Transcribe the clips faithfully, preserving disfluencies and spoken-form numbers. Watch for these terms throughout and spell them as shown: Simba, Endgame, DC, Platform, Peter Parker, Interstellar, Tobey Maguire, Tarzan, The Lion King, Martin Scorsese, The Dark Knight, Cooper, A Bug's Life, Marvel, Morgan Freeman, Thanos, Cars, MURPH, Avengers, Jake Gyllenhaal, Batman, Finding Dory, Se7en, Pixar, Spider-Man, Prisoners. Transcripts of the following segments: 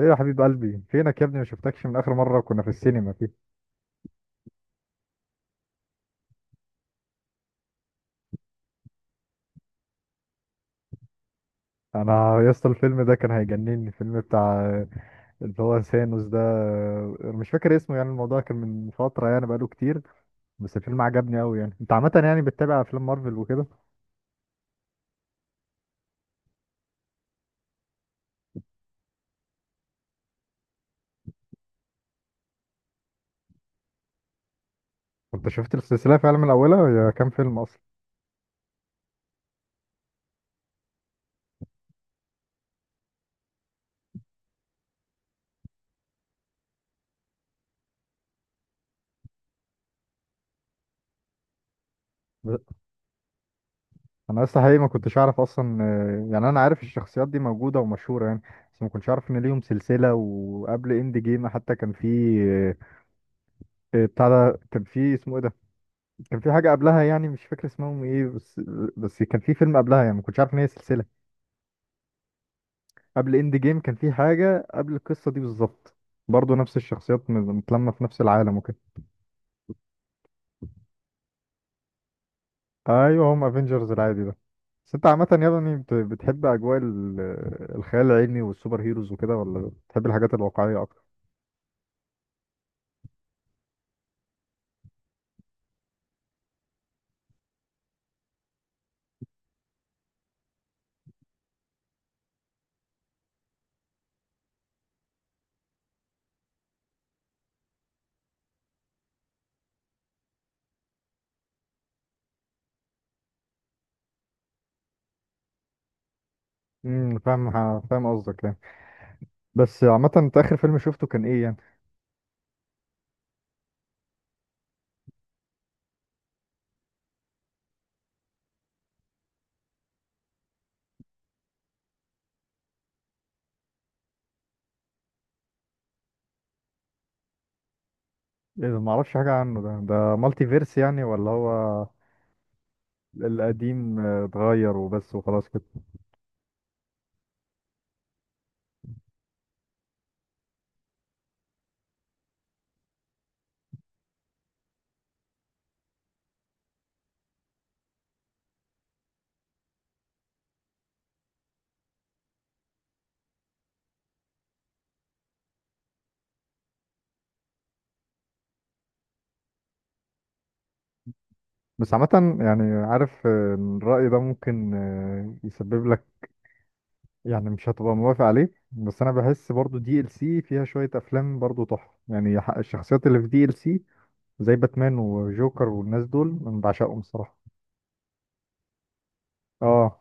ايه يا حبيب قلبي؟ فينك يا ابني، ما شفتكش من اخر مره كنا في السينما فيه. انا يا اسطى الفيلم ده كان هيجنني، الفيلم بتاع اللي هو ثانوس ده، مش فاكر اسمه. يعني الموضوع كان من فتره، يعني بقاله كتير، بس الفيلم عجبني قوي. يعني انت عامه يعني بتتابع افلام مارفل وكده؟ انت شفت السلسله فعلا من اولها؟ هي كام فيلم اصلا؟ ب- انا لسه حقيقي ما كنتش اعرف اصلا، آه، يعني انا عارف الشخصيات دي موجوده ومشهوره يعني، بس ما كنتش اعرف ان ليهم سلسله. وقبل اند جيم حتى كان في، آه، آه، بتاع ده، كان في اسمه ايه ده؟ كان في حاجة قبلها، يعني مش فاكر اسمهم ايه، بس بس كان في فيلم قبلها، يعني ما كنتش عارف ان هي سلسلة. قبل اند جيم كان في حاجة قبل القصة دي بالظبط، برضه نفس الشخصيات م- متلمة في نفس العالم وكده. ايوه، هم افنجرز العادي ده. بس انت عامة يا ابني بت- بتحب اجواء ال- الخيال العلمي والسوبر هيروز وكده، ولا بتحب الحاجات الواقعية اكتر؟ امم فاهم، فاهم قصدك يعني. بس عامة، انت اخر فيلم شفته كان ايه يعني؟ ايه ده، معرفش حاجة عنه. ده ده مالتي فيرس يعني، ولا هو القديم آه، اتغير وبس وخلاص كده؟ بس عامة يعني، عارف آه، إن الرأي ده ممكن آه، يسبب لك يعني مش هتبقى موافق عليه، بس أنا بحس برضو دي ال سي فيها شوية أفلام برضو تحفة يعني. ح- الشخصيات اللي في دي ال سي زي باتمان وجوكر والناس دول أنا بعشقهم الصراحة. اه.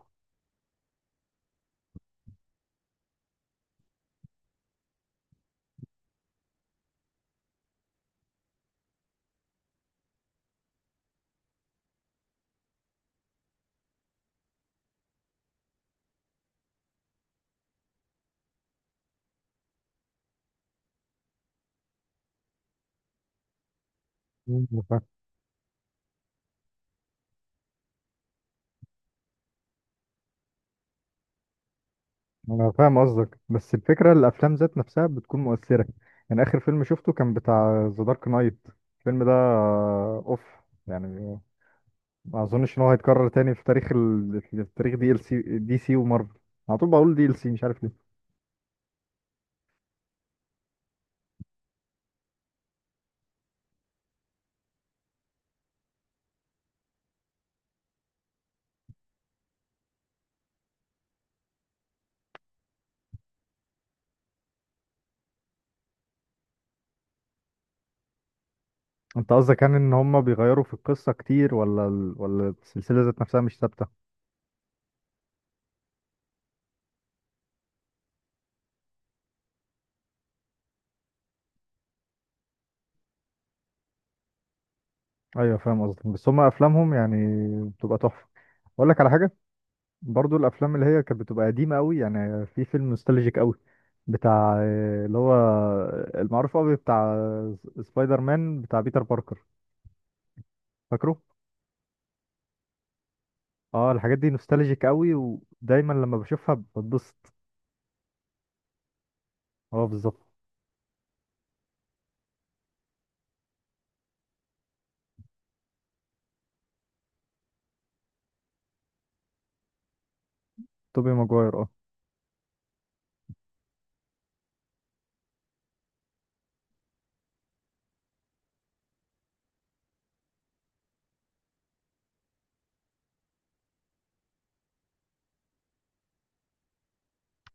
مم، أنا فاهم، أنا فاهم قصدك، بس الفكرة الأفلام ذات نفسها بتكون مؤثرة. يعني آخر فيلم شفته كان بتاع ذا دارك نايت، الفيلم ده آه، أوف يعني، ما اظنش ان هو هيتكرر تاني في تاريخ ال... في تاريخ دي ال سي. دي سي ومارفل، على طول بقول دي ال سي، مش عارف ليه. انت قصدك كان ان هم بيغيروا في القصه كتير، ولا ال... ولا السلسله ذات نفسها مش ثابته؟ ايوه فاهم قصدك، بس هم افلامهم يعني بتبقى تحفه. اقول لك على حاجه، برضو الافلام اللي هي كانت بتبقى قديمه قوي، يعني في فيلم نوستالجيك قوي بتاع آه، اللي هو المعروف قوي بتاع س- سبايدر مان بتاع بيتر باركر، فاكره؟ اه الحاجات دي نوستالجيك قوي، ودايما لما بشوفها بتبسط. اه بالظبط. توبي ماجواير، اه.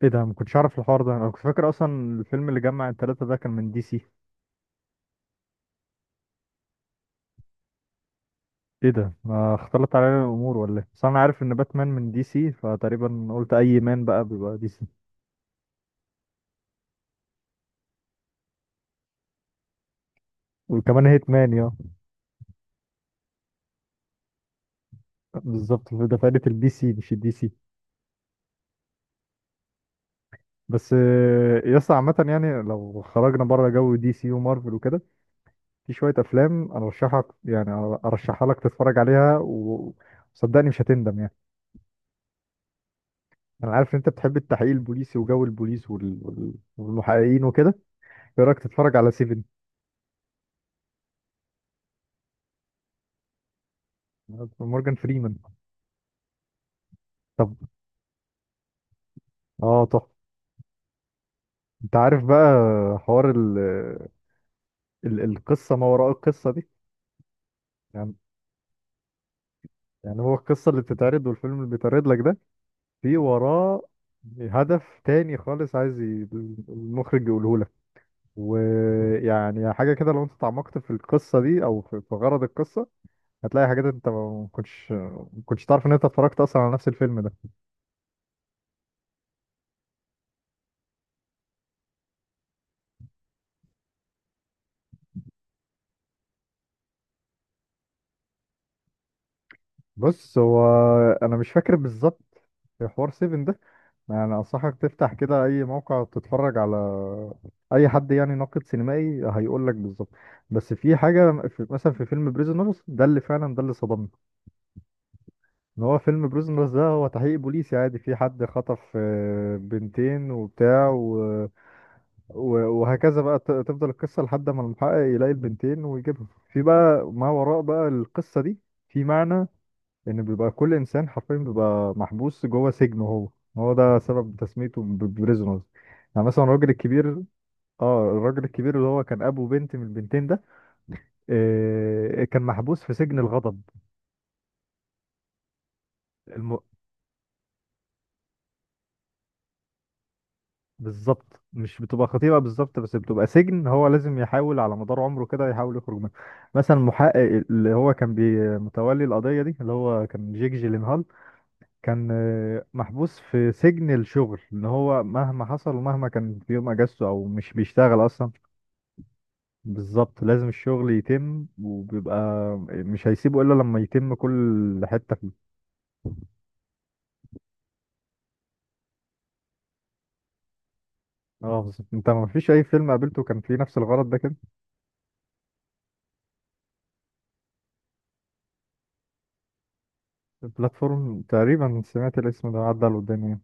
ايه ده، ما كنتش اعرف الحوار ده، انا كنت فاكر اصلا الفيلم اللي جمع التلاتة ده كان من دي سي. ايه ده، ما اختلط علينا الامور ولا ايه؟ بس انا عارف ان باتمان من دي سي، فتقريبا قلت اي مان بقى بيبقى دي سي. وكمان هيت مان يا. بالظبط ده فائدة البي سي مش الدي سي. بس آه، يا اسطى عامة يعني، لو خرجنا بره جو دي سي ومارفل وكده، في شوية أفلام أرشحك يعني، أرشحها لك تتفرج عليها و- وصدقني مش هتندم يعني. أنا عارف إن أنت بتحب التحقيق البوليسي وجو البوليس وال- وال- والمحققين وكده. ايه رايك تتفرج على سيفن؟ مورجان فريمان. طب، اه تحفه. انت عارف بقى حوار ال... ال... القصه ما وراء القصه دي يعني؟ يعني هو القصه اللي بتتعرض والفيلم اللي بيتعرض لك ده، في وراه هدف تاني خالص، عايز ي- المخرج يقوله لك. ويعني حاجه كده، لو انت اتعمقت في القصه دي او في في غرض القصه، هتلاقي حاجات انت ما كنتش ما كنتش تعرف ان انت اتفرجت اصلا على نفس الفيلم ده. بص هو، انا مش فاكر بالظبط حوار سيفن يعني. انصحك تفتح كده اي موقع تتفرج على اي حد يعني ناقد سينمائي، هيقول لك بالظبط. بس في حاجه، في مثلا في فيلم بريزونرز ده اللي فعلا ده اللي صدمني. ان هو فيلم بريزونرز ده هو تحقيق بوليسي عادي، في حد خطف آه، بنتين وبتاع و... و... وهكذا بقى. ت- تفضل القصه لحد ما المحقق يلاقي البنتين ويجيبهم. في بقى ما وراء بقى القصه دي، في معنى، لان بيبقى كل انسان حرفيا بيبقى محبوس جوه سجن هو، هو ده سبب تسميته بريزونرز. يعني مثلا الراجل الكبير، اه الراجل الكبير اللي هو كان ابو بنت من البنتين ده، آه كان محبوس في سجن الغضب. الم... بالظبط، مش بتبقى خطيبة بالظبط، بس بتبقى سجن هو لازم يحاول على مدار عمره كده يحاول يخرج منه. مثلا المحقق اللي هو كان بي- متولي القضية دي اللي هو كان جيك جيلينهال، كان آه، محبوس في سجن الشغل، ان هو مهما حصل ومهما كان في يوم اجازته او مش بيشتغل اصلا. بالظبط، لازم الشغل يتم، وبيبقى مش هيسيبه الا لما يتم كل حتة فيه. اه بالظبط. انت ما فيش اي فيلم قابلته كان فيه نفس الغرض ده كده؟ بلاتفورم، تقريبا سمعت الاسم ده عدى على قدامي.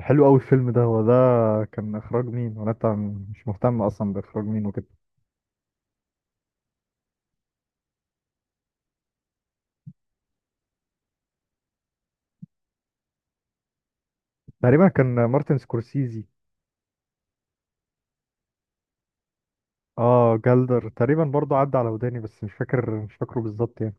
حلو قوي الفيلم ده، هو ده كان اخراج مين؟ وانا طبعاً مش مهتم اصلا باخراج مين وكده. تقريبا كان مارتن سكورسيزي. اه جلدر، تقريبا برضه عدى على وداني، بس مش فاكر، مش فاكره بالظبط يعني.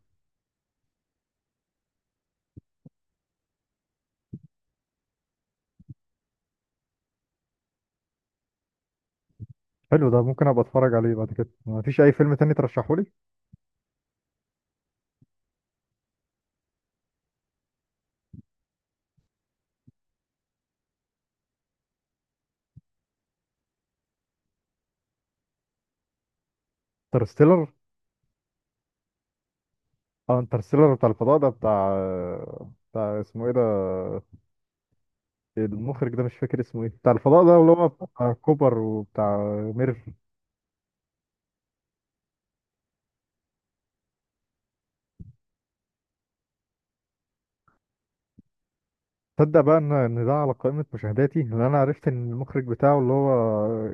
حلو، ده ممكن ابقى اتفرج عليه بعد كده. ما فيش اي فيلم تاني ترشحه لي؟ انترستيلر. اه انترستيلر بتاع الفضاء ده، بتاع بتاع اسمه ايه ده المخرج ده، مش فاكر اسمه ايه، بتاع الفضاء ده اللي هو بتاع كوبر وبتاع ميرف. تصدق بقى ان ان ده على قائمة مشاهداتي، لان انا عرفت ان المخرج بتاعه اللي هو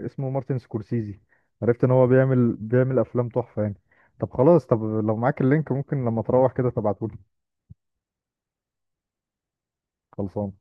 اسمه مارتن سكورسيزي، عرفت ان هو بيعمل بيعمل افلام تحفة يعني. طب خلاص، طب لو معاك اللينك ممكن لما تروح كده تبعتهولي. خلصان.